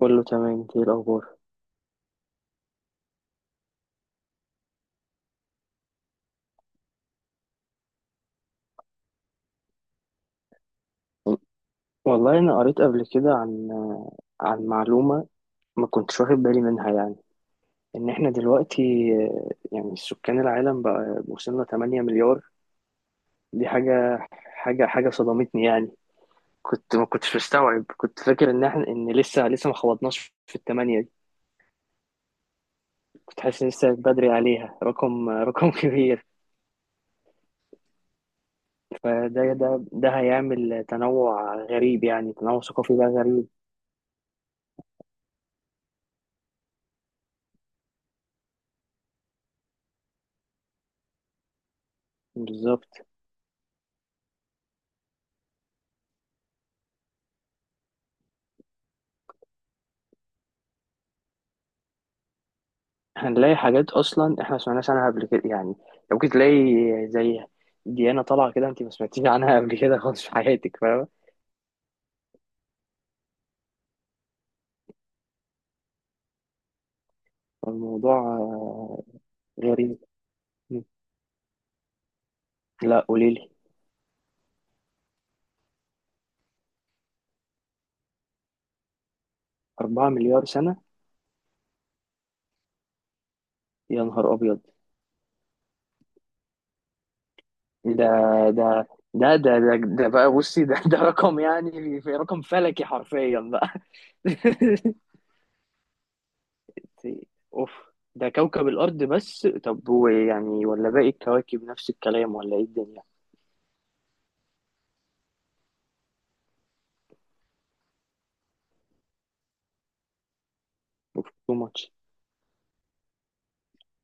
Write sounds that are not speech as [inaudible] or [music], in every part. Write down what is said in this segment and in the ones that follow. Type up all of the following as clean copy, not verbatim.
كله تمام، انت ايه الاخبار؟ والله انا قريت قبل كده عن معلومه ما كنتش واخد بالي منها يعني ان احنا دلوقتي. يعني سكان العالم بقى وصلنا 8 مليار. دي حاجه صدمتني يعني. كنت ما كنتش مستوعب، كنت فاكر ان لسه ما خبطناش في الثمانية دي. كنت حاسس إن لسه بدري عليها رقم رقم [laughs] كبير. فده ده ده هيعمل تنوع غريب، يعني تنوع ثقافي بقى غريب. بالظبط. هنلاقي حاجات اصلا احنا ما سمعناش عنها قبل كده يعني، ممكن تلاقي زي ديانة طالعة كده انت ما سمعتيش عنها قبل كده خالص في حياتك، فاهمة. الموضوع غريب. م. لا قوليلي. أربعة مليار سنة؟ يا نهار أبيض! ده ده ده بقى، بصي، ده رقم، يعني في رقم فلكي حرفيا بقى. [laughs] اوف. ده كوكب الأرض، بس طب هو يعني ولا باقي الكواكب نفس الكلام، ولا ايه الدنيا؟ اوف تو ماتش.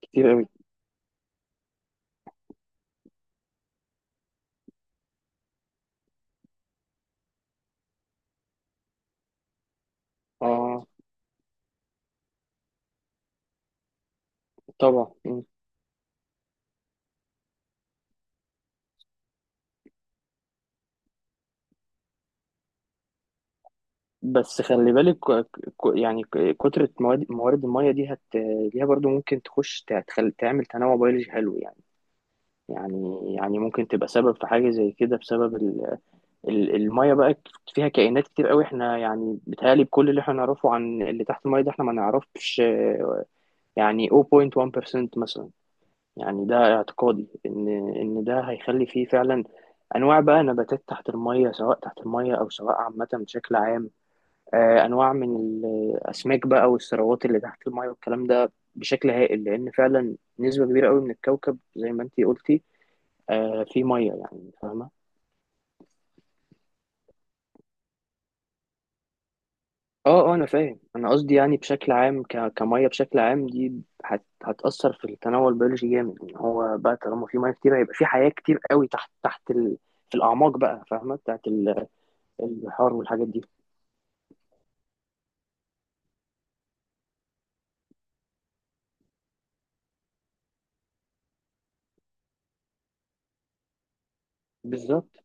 كتير قوي. اه طبعا. بس خلي بالك كترة موارد المية دي ليها برضو ممكن تخش تعمل تنوع بيولوجي حلو يعني. يعني ممكن تبقى سبب في حاجة زي كده بسبب المية بقى فيها كائنات كتير قوي. احنا يعني بيتهيألي بكل اللي احنا نعرفه عن اللي تحت المية ده احنا ما نعرفش، يعني 0.1% مثلا. يعني ده اعتقادي ان ده هيخلي فيه فعلا انواع بقى نباتات تحت المية، سواء تحت المية او سواء عامة بشكل عام. انواع من الاسماك بقى والثروات اللي تحت المايه والكلام ده بشكل هائل، لان فعلا نسبه كبيره قوي من الكوكب زي ما انتي قلتي، في ميه يعني، فاهمه. اه اه، انا فاهم، انا قصدي يعني بشكل عام، ك... كميه بشكل عام دي هتاثر في التنوع البيولوجي جامد، ان هو بقى طالما في ميه كتير هيبقى في حياه كتير قوي تحت في الاعماق بقى، فاهمه، بتاعت البحار والحاجات دي. بالظبط.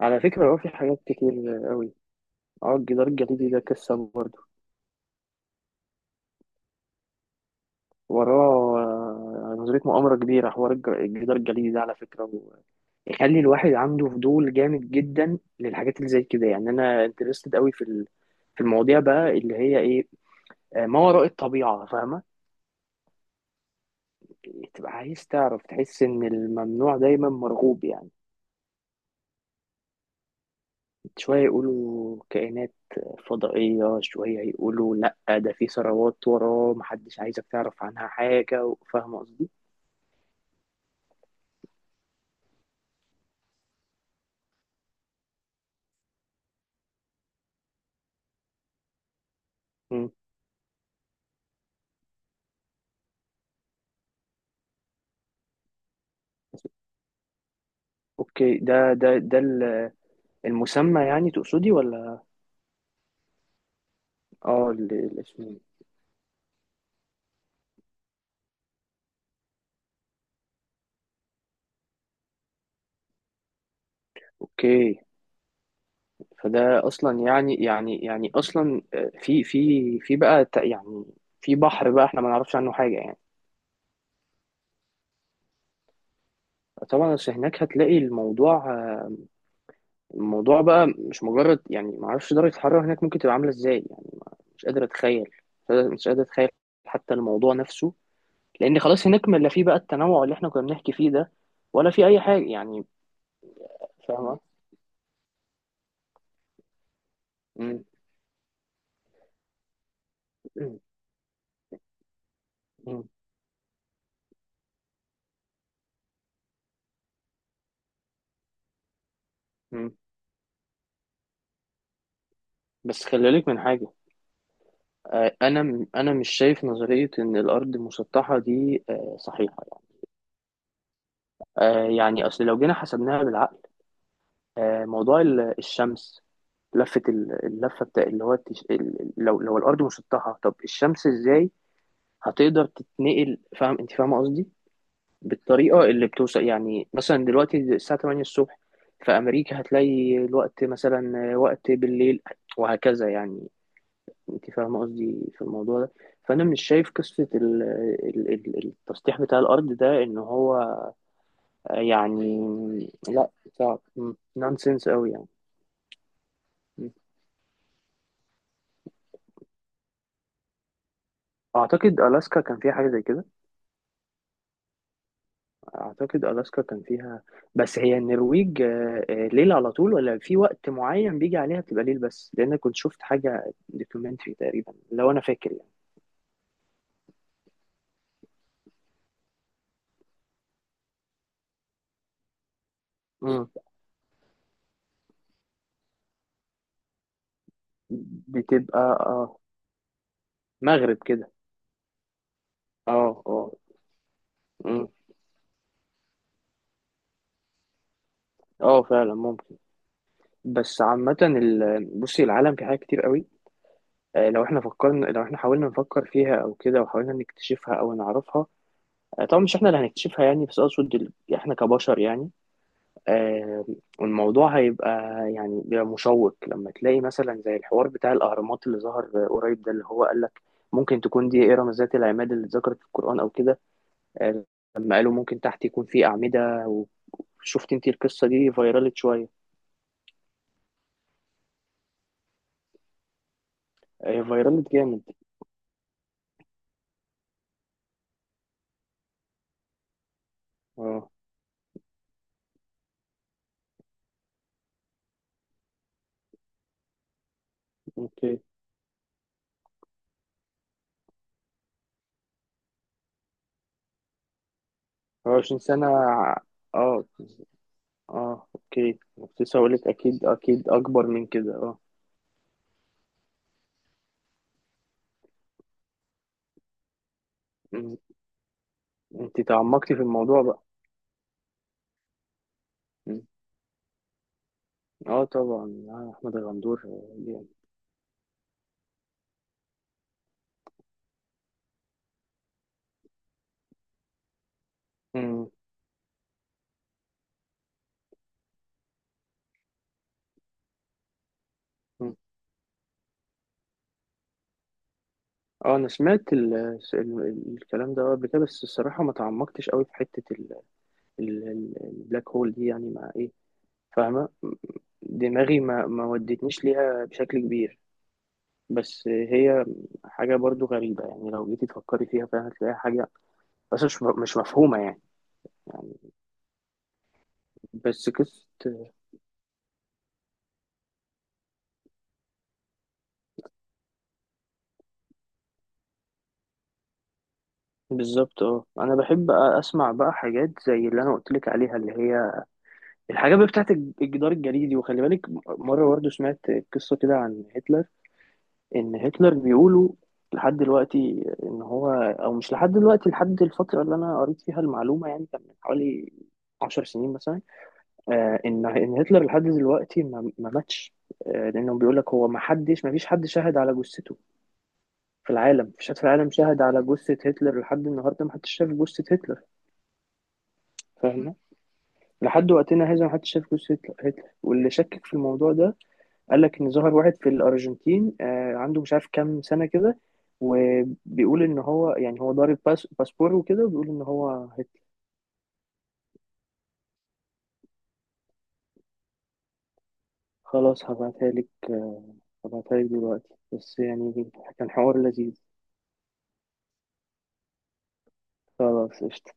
على فكره هو في حاجات كتير قوي. اه الجدار الجليدي ده قصه برضه. وراه نظرية مؤامرة كبيرة. حوار الجدار الجليدي ده على فكرة يخلي الواحد عنده فضول جامد جدا للحاجات اللي زي كده يعني. أنا انترستد قوي في في المواضيع بقى، اللي هي إيه، ما وراء الطبيعة، فاهمة. تبقى عايز تعرف، تحس إن الممنوع دايما مرغوب يعني. شوية يقولوا كائنات فضائية، شوية يقولوا لأ ده في ثروات وراه محدش عايزك تعرف عنها حاجة، فاهمة قصدي؟ مم. أوكي، المسمى يعني تقصدي ولا؟ اه الاسمين. اوكي. فده اصلا يعني اصلا في بقى يعني في بحر بقى احنا ما نعرفش عنه حاجه يعني. طبعا بس هناك هتلاقي الموضوع، الموضوع بقى مش مجرد يعني ما اعرفش درجه الحراره هناك ممكن تبقى عامله ازاي يعني. مش قادر اتخيل، مش قادر اتخيل حتى الموضوع نفسه. لان خلاص هناك ما لا في بقى التنوع اللي احنا كنا بنحكي فيه ده، ولا في اي حاجه يعني، فاهمه. مم. مم. مم. بس خلي بالك من حاجه. انا مش شايف نظريه ان الارض مسطحه دي صحيحه يعني. يعني اصل لو جينا حسبناها بالعقل، موضوع الشمس، اللفه بتاع اللي هو لو الارض مسطحه طب الشمس ازاي هتقدر تتنقل؟ فاهم انت، فاهمه قصدي؟ بالطريقه اللي بتوصل يعني مثلا دلوقتي الساعه 8 الصبح في امريكا هتلاقي الوقت مثلا، وقت بالليل، وهكذا يعني. انت فاهمه قصدي في الموضوع ده. فانا مش شايف قصه التسطيح بتاع الارض ده ان هو يعني. لا صعب، نونسنس قوي يعني. م. اعتقد الاسكا كان فيها حاجه زي كده. اعتقد الاسكا كان فيها بس هي النرويج ليل على طول ولا في وقت معين بيجي عليها بتبقى ليل بس، لان كنت شفت حاجه دوكيومنتري تقريبا لو انا فاكر يعني. م. بتبقى، اه، مغرب كده. اه اه. م. اه فعلا ممكن. بس عامة بصي العالم في حاجات كتير قوي، لو احنا حاولنا نفكر فيها او كده وحاولنا نكتشفها او نعرفها، طبعا مش احنا اللي هنكتشفها يعني، بس اقصد احنا كبشر يعني. آه، والموضوع هيبقى يعني، بيبقى مشوق لما تلاقي مثلا زي الحوار بتاع الاهرامات اللي ظهر قريب ده، اللي هو قال لك ممكن تكون دي اهرام ذات العماد اللي اتذكرت في القرآن او كده. آه، لما قالوا ممكن تحت يكون في أعمدة، وشفت انت القصة دي فيرالت شوية. فيرالت جامد. اه اوكي 24 سنة اه اه اوكي، كنت لسه هقولك اكيد اكيد اكبر من كده اه. م. انت تعمقتي في الموضوع بقى. م. اه طبعا، آه احمد غندور جامد. م. م. اه انا سمعت ال ال الكلام ده قبل كده، بس الصراحة ما تعمقتش قوي في حتة البلاك هول دي، يعني مع ايه، فاهمة، دماغي ما ودتنيش ليها بشكل كبير. بس هي حاجة برضو غريبة، يعني لو جيتي تفكري فيها فعلا هتلاقيها حاجة، بس مش مفهومة يعني. يعني بس قصة. بالظبط. اه انا بحب اسمع بقى حاجات زي اللي انا قلت لك عليها، اللي هي الحاجات بقى بتاعت الجدار الجليدي. وخلي بالك مره برضه سمعت قصه كده عن هتلر، ان هتلر بيقولوا لحد دلوقتي ان هو، او مش لحد دلوقتي، لحد الفتره اللي انا قريت فيها المعلومه يعني كان من حوالي 10 سنين مثلا، آه ان هتلر لحد دلوقتي ما ماتش. آه لانه بيقول لك هو ما حدش ما فيش حد شهد على جثته في العالم، مفيش حد في العالم شاهد على جثة هتلر لحد النهاردة، محدش شاف جثة هتلر. فاهمة. لحد وقتنا هذا محدش شاف جثة هتلر. واللي شكك في الموضوع ده قال لك إن ظهر واحد في الأرجنتين، آه عنده مش عارف كام سنة كده، وبيقول إن هو، يعني هو ضارب باسبور وكده، وبيقول إن هو هتلر. خلاص هبعتها لك آه، هبعتها لك دلوقتي بس، يعني كان حوار لذيذ. خلاص قشطة.